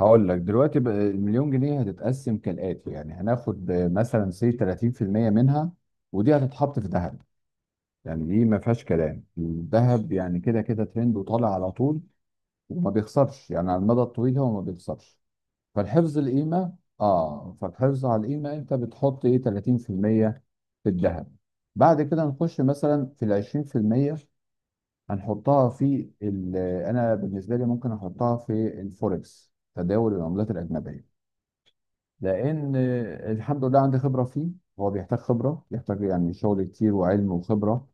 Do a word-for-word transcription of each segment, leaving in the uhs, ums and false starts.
هقول لك دلوقتي بقى المليون جنيه هتتقسم كالآتي، يعني هناخد مثلا سي ثلاثين في المية منها، ودي هتتحط في ذهب. يعني دي ما فيهاش كلام، الذهب يعني كده كده ترند وطالع على طول وما بيخسرش. يعني على المدى الطويل هو ما بيخسرش. فالحفظ القيمة اه فالحفظ على القيمة، انت بتحط ايه ثلاثين في المية في الذهب. بعد كده نخش مثلا في ال عشرين في المية، هنحطها في ال- انا بالنسبة لي ممكن احطها في الفوركس، تداول العملات الأجنبية. لان الحمد لله عندي خبره فيه، هو بيحتاج خبره، بيحتاج يعني شغل كتير وعلم وخبره.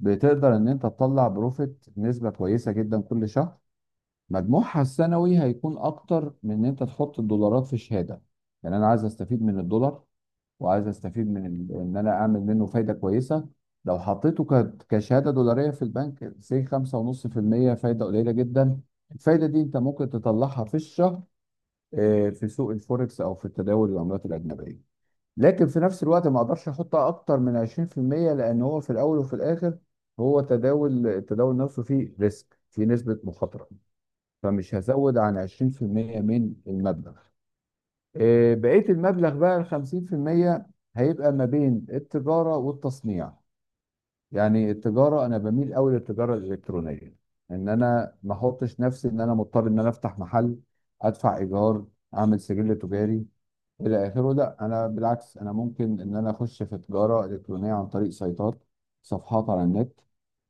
بتقدر ان انت تطلع بروفيت نسبه كويسه جدا كل شهر، مجموعها السنوي هيكون اكتر من ان انت تحط الدولارات في شهاده. يعني انا عايز استفيد من الدولار، وعايز استفيد من ال... ان انا اعمل منه فايده كويسه. لو حطيته ك... كشهاده دولاريه في البنك سي خمسة ونص في المية، فايده قليله جدا. الفايده دي انت ممكن تطلعها في الشهر، آه، في سوق الفوركس او في التداول العملات الاجنبيه. لكن في نفس الوقت ما اقدرش احطها اكتر من عشرين في المية، لان هو في الاول وفي الاخر، هو تداول، التداول نفسه فيه ريسك، فيه نسبة مخاطرة. فمش هزود عن عشرين بالمية من المبلغ. آه، بقية المبلغ بقى ال خمسين في المية هيبقى ما بين التجارة والتصنيع. يعني التجارة انا بميل قوي للتجارة الالكترونية، ان انا ما احطش نفسي ان انا مضطر ان انا افتح محل، ادفع ايجار، اعمل سجل تجاري الى اخره. لا انا بالعكس، انا ممكن ان انا اخش في تجاره الكترونيه عن طريق سيطات، صفحات على النت،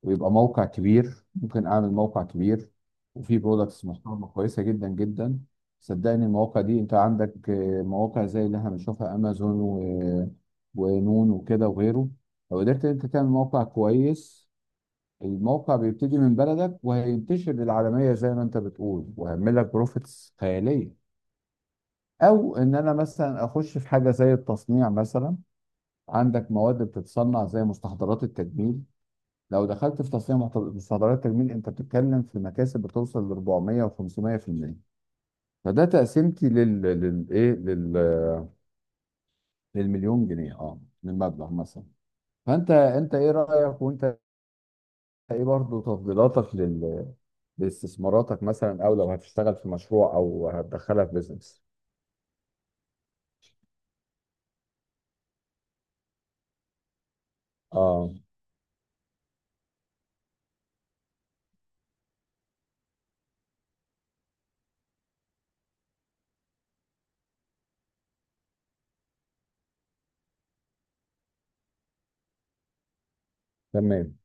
ويبقى موقع كبير. ممكن اعمل موقع كبير وفيه برودكتس محترمه كويسه جدا جدا. صدقني المواقع دي انت عندك، آه، مواقع زي اللي احنا بنشوفها، امازون و... ونون وكده وغيره. لو قدرت انت تعمل موقع كويس، الموقع بيبتدي من بلدك وهينتشر للعالميه زي ما انت بتقول، وهيعمل لك بروفيتس خياليه. او ان انا مثلا اخش في حاجه زي التصنيع مثلا. عندك مواد بتتصنع زي مستحضرات التجميل، لو دخلت في تصنيع محت- مستحضرات التجميل انت بتتكلم في مكاسب بتوصل ل اربعمية و500%. فده تقسيمتي لل لل ايه لل للمليون جنيه، اه، للمبلغ مثلا. فانت انت ايه رايك، وانت ايه برضه تفضيلاتك لل... لاستثماراتك مثلا، او لو هتشتغل في مشروع او هتدخلها في بيزنس. اه، تمام.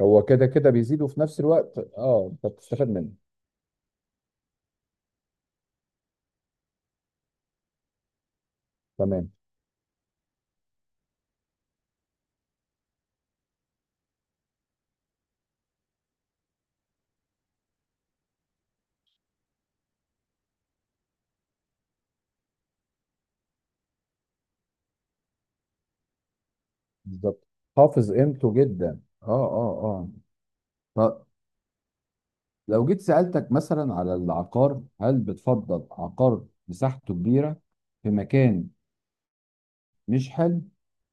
هو كده كده بيزيد وفي نفس الوقت اه انت بتستفاد منه. تمام، بالظبط، حافظ قيمته جدا. اه، اه، اه. طب لو جيت سألتك مثلا على العقار، هل بتفضل عقار مساحته كبيرة في مكان مش حلو،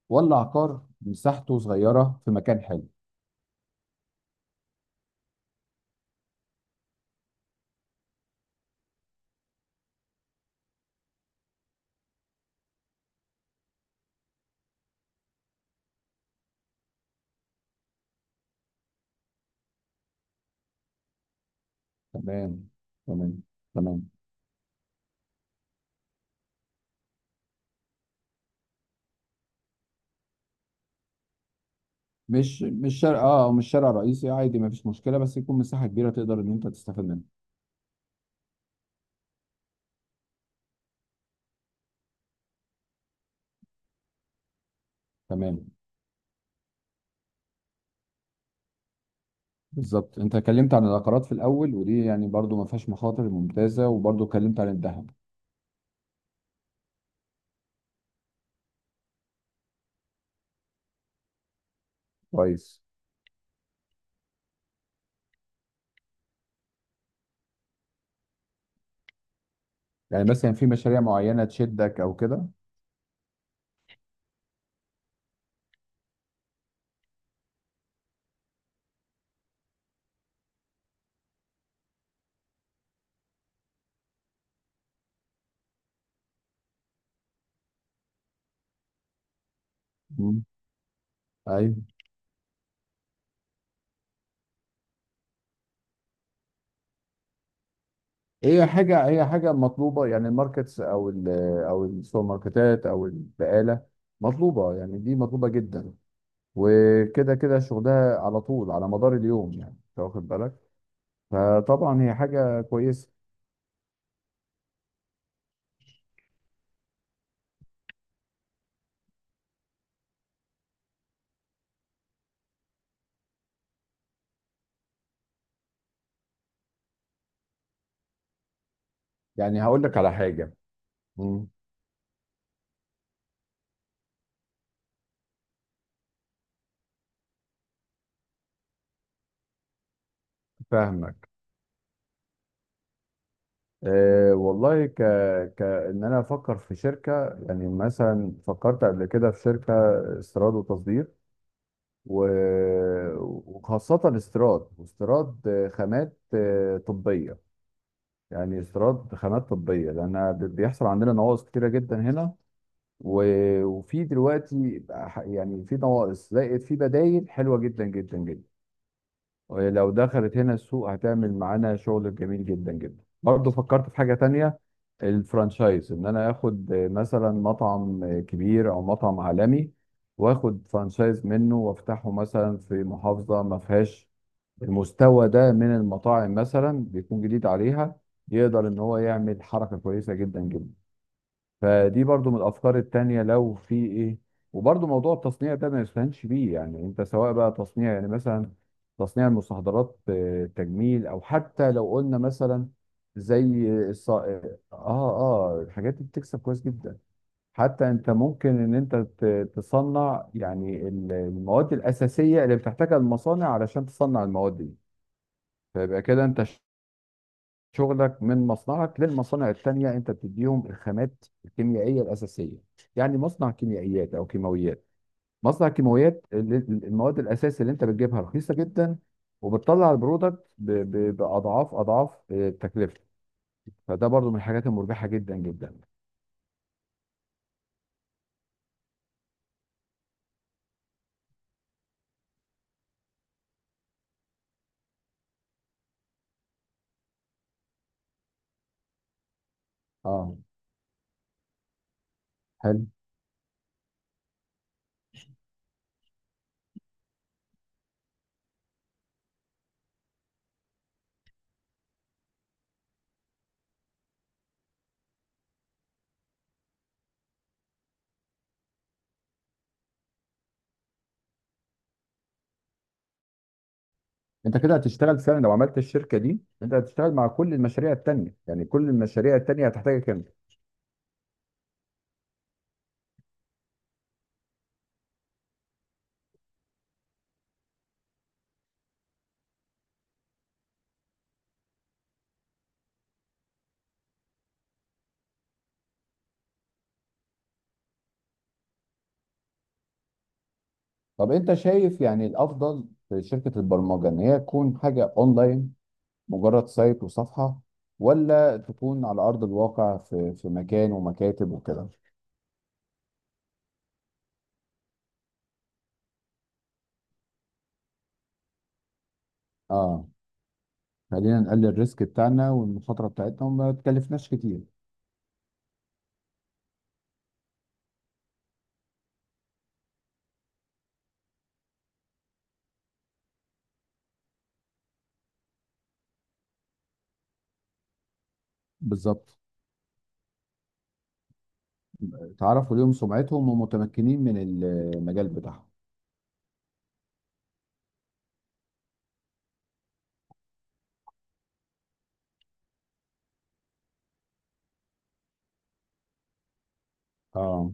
ولا عقار مساحته صغيرة في مكان حلو؟ تمام. تمام. تمام. مش مش شارع، اه مش شارع رئيسي عادي، ما فيش مشكلة، بس يكون مساحة كبيرة تقدر ان انت تستفاد منها. تمام، بالظبط. انت اتكلمت عن العقارات في الاول، ودي يعني برضو ما فيهاش مخاطر، ممتازه، وبرضو اتكلمت عن الذهب. كويس. يعني مثلا في مشاريع معينه تشدك او كده؟ مم. ايوه. هي حاجه، هي حاجه مطلوبه يعني، الماركتس او ال او السوبر ماركتات او البقاله، مطلوبه يعني، دي مطلوبه جدا. وكده كده شغلها على طول على مدار اليوم، يعني انت واخد بالك. فطبعا هي حاجه كويسه. يعني هقول لك على حاجه. مم. فاهمك. أه والله، ك... كأن أنا أفكر في شركة. يعني مثلا فكرت قبل كده في شركة استيراد وتصدير و... وخاصة استيراد، واستيراد خامات آه، طبية. يعني استيراد خامات طبية، لأن ب- بيحصل عندنا نواقص كتيرة جدا هنا. و... وفي دلوقتي ح- يعني في نواقص زائد في بدايل حلوة جدا جدا جدا. ولو دخلت هنا السوق، هتعمل معانا شغل جميل جدا جدا. برضه فكرت في حاجة تانية، الفرانشايز. ان انا اخد مثلا مطعم كبير او مطعم عالمي، واخد فرانشايز منه وافتحه مثلا في محافظة ما فيهاش المستوى ده من المطاعم، مثلا بيكون جديد عليها، يقدر ان هو يعمل حركة كويسة جدا جدا. فدي برضو من الافكار التانية لو في ايه. وبرضو موضوع التصنيع ده ما يستهانش بيه. يعني انت سواء بقى تصنيع، يعني مثلا تصنيع المستحضرات، آه، تجميل، او حتى لو قلنا مثلا زي الص... اه اه، آه، الحاجات دي بتكسب كويس جدا. حتى انت ممكن ان انت ت- تصنع يعني ال- المواد الاساسية اللي بتحتاجها المصانع علشان تصنع المواد دي. فيبقى كده انت شغلك من مصنعك للمصانع التانية، انت بتديهم الخامات الكيميائية الأساسية. يعني مصنع كيميائيات أو كيماويات، مصنع كيماويات ال- ال- المواد الأساس اللي انت بتجيبها رخيصة جدا، وبتطلع البرودكت ب- ب- بأضعاف أضعاف آه، تكلفته. فده برضو من الحاجات المربحة جدا جدا. اه. حلو. انت كده هتشتغل فعلا، لو عملت الشركة دي انت هتشتغل مع كل المشاريع التانية، يعني كل المشاريع التانية هتحتاجك انت. طب انت شايف يعني الافضل في شركه البرمجه ان هي تكون حاجه اونلاين، مجرد سايت وصفحة، ولا تكون على أرض الواقع، في في مكان ومكاتب وكده؟ اه، خلينا نقلل الريسك بتاعنا والمخاطرة بتاعتنا، وما تكلفناش كتير. بالظبط. تعرفوا ليهم سمعتهم ومتمكنين من المجال بتاعهم. اه.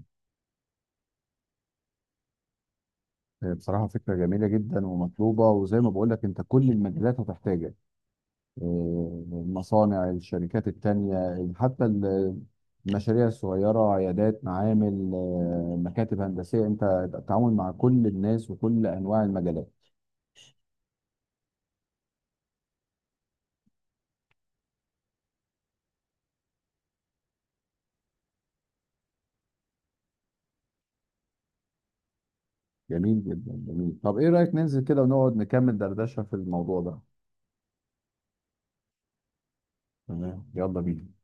بصراحة فكرة جميلة جدا ومطلوبة، وزي ما بقول لك، انت كل المجالات هتحتاجك. آه، المصانع، الشركات التانية، يعني حتى المشاريع الصغيرة، عيادات، معامل، آه، مكاتب هندسية، انت التعامل مع كل الناس وكل انواع المجالات. جميل جدا، جميل. طب ايه رأيك ننزل كده ونقعد نكمل دردشة في الموضوع ده؟ تمام، يلا بينا.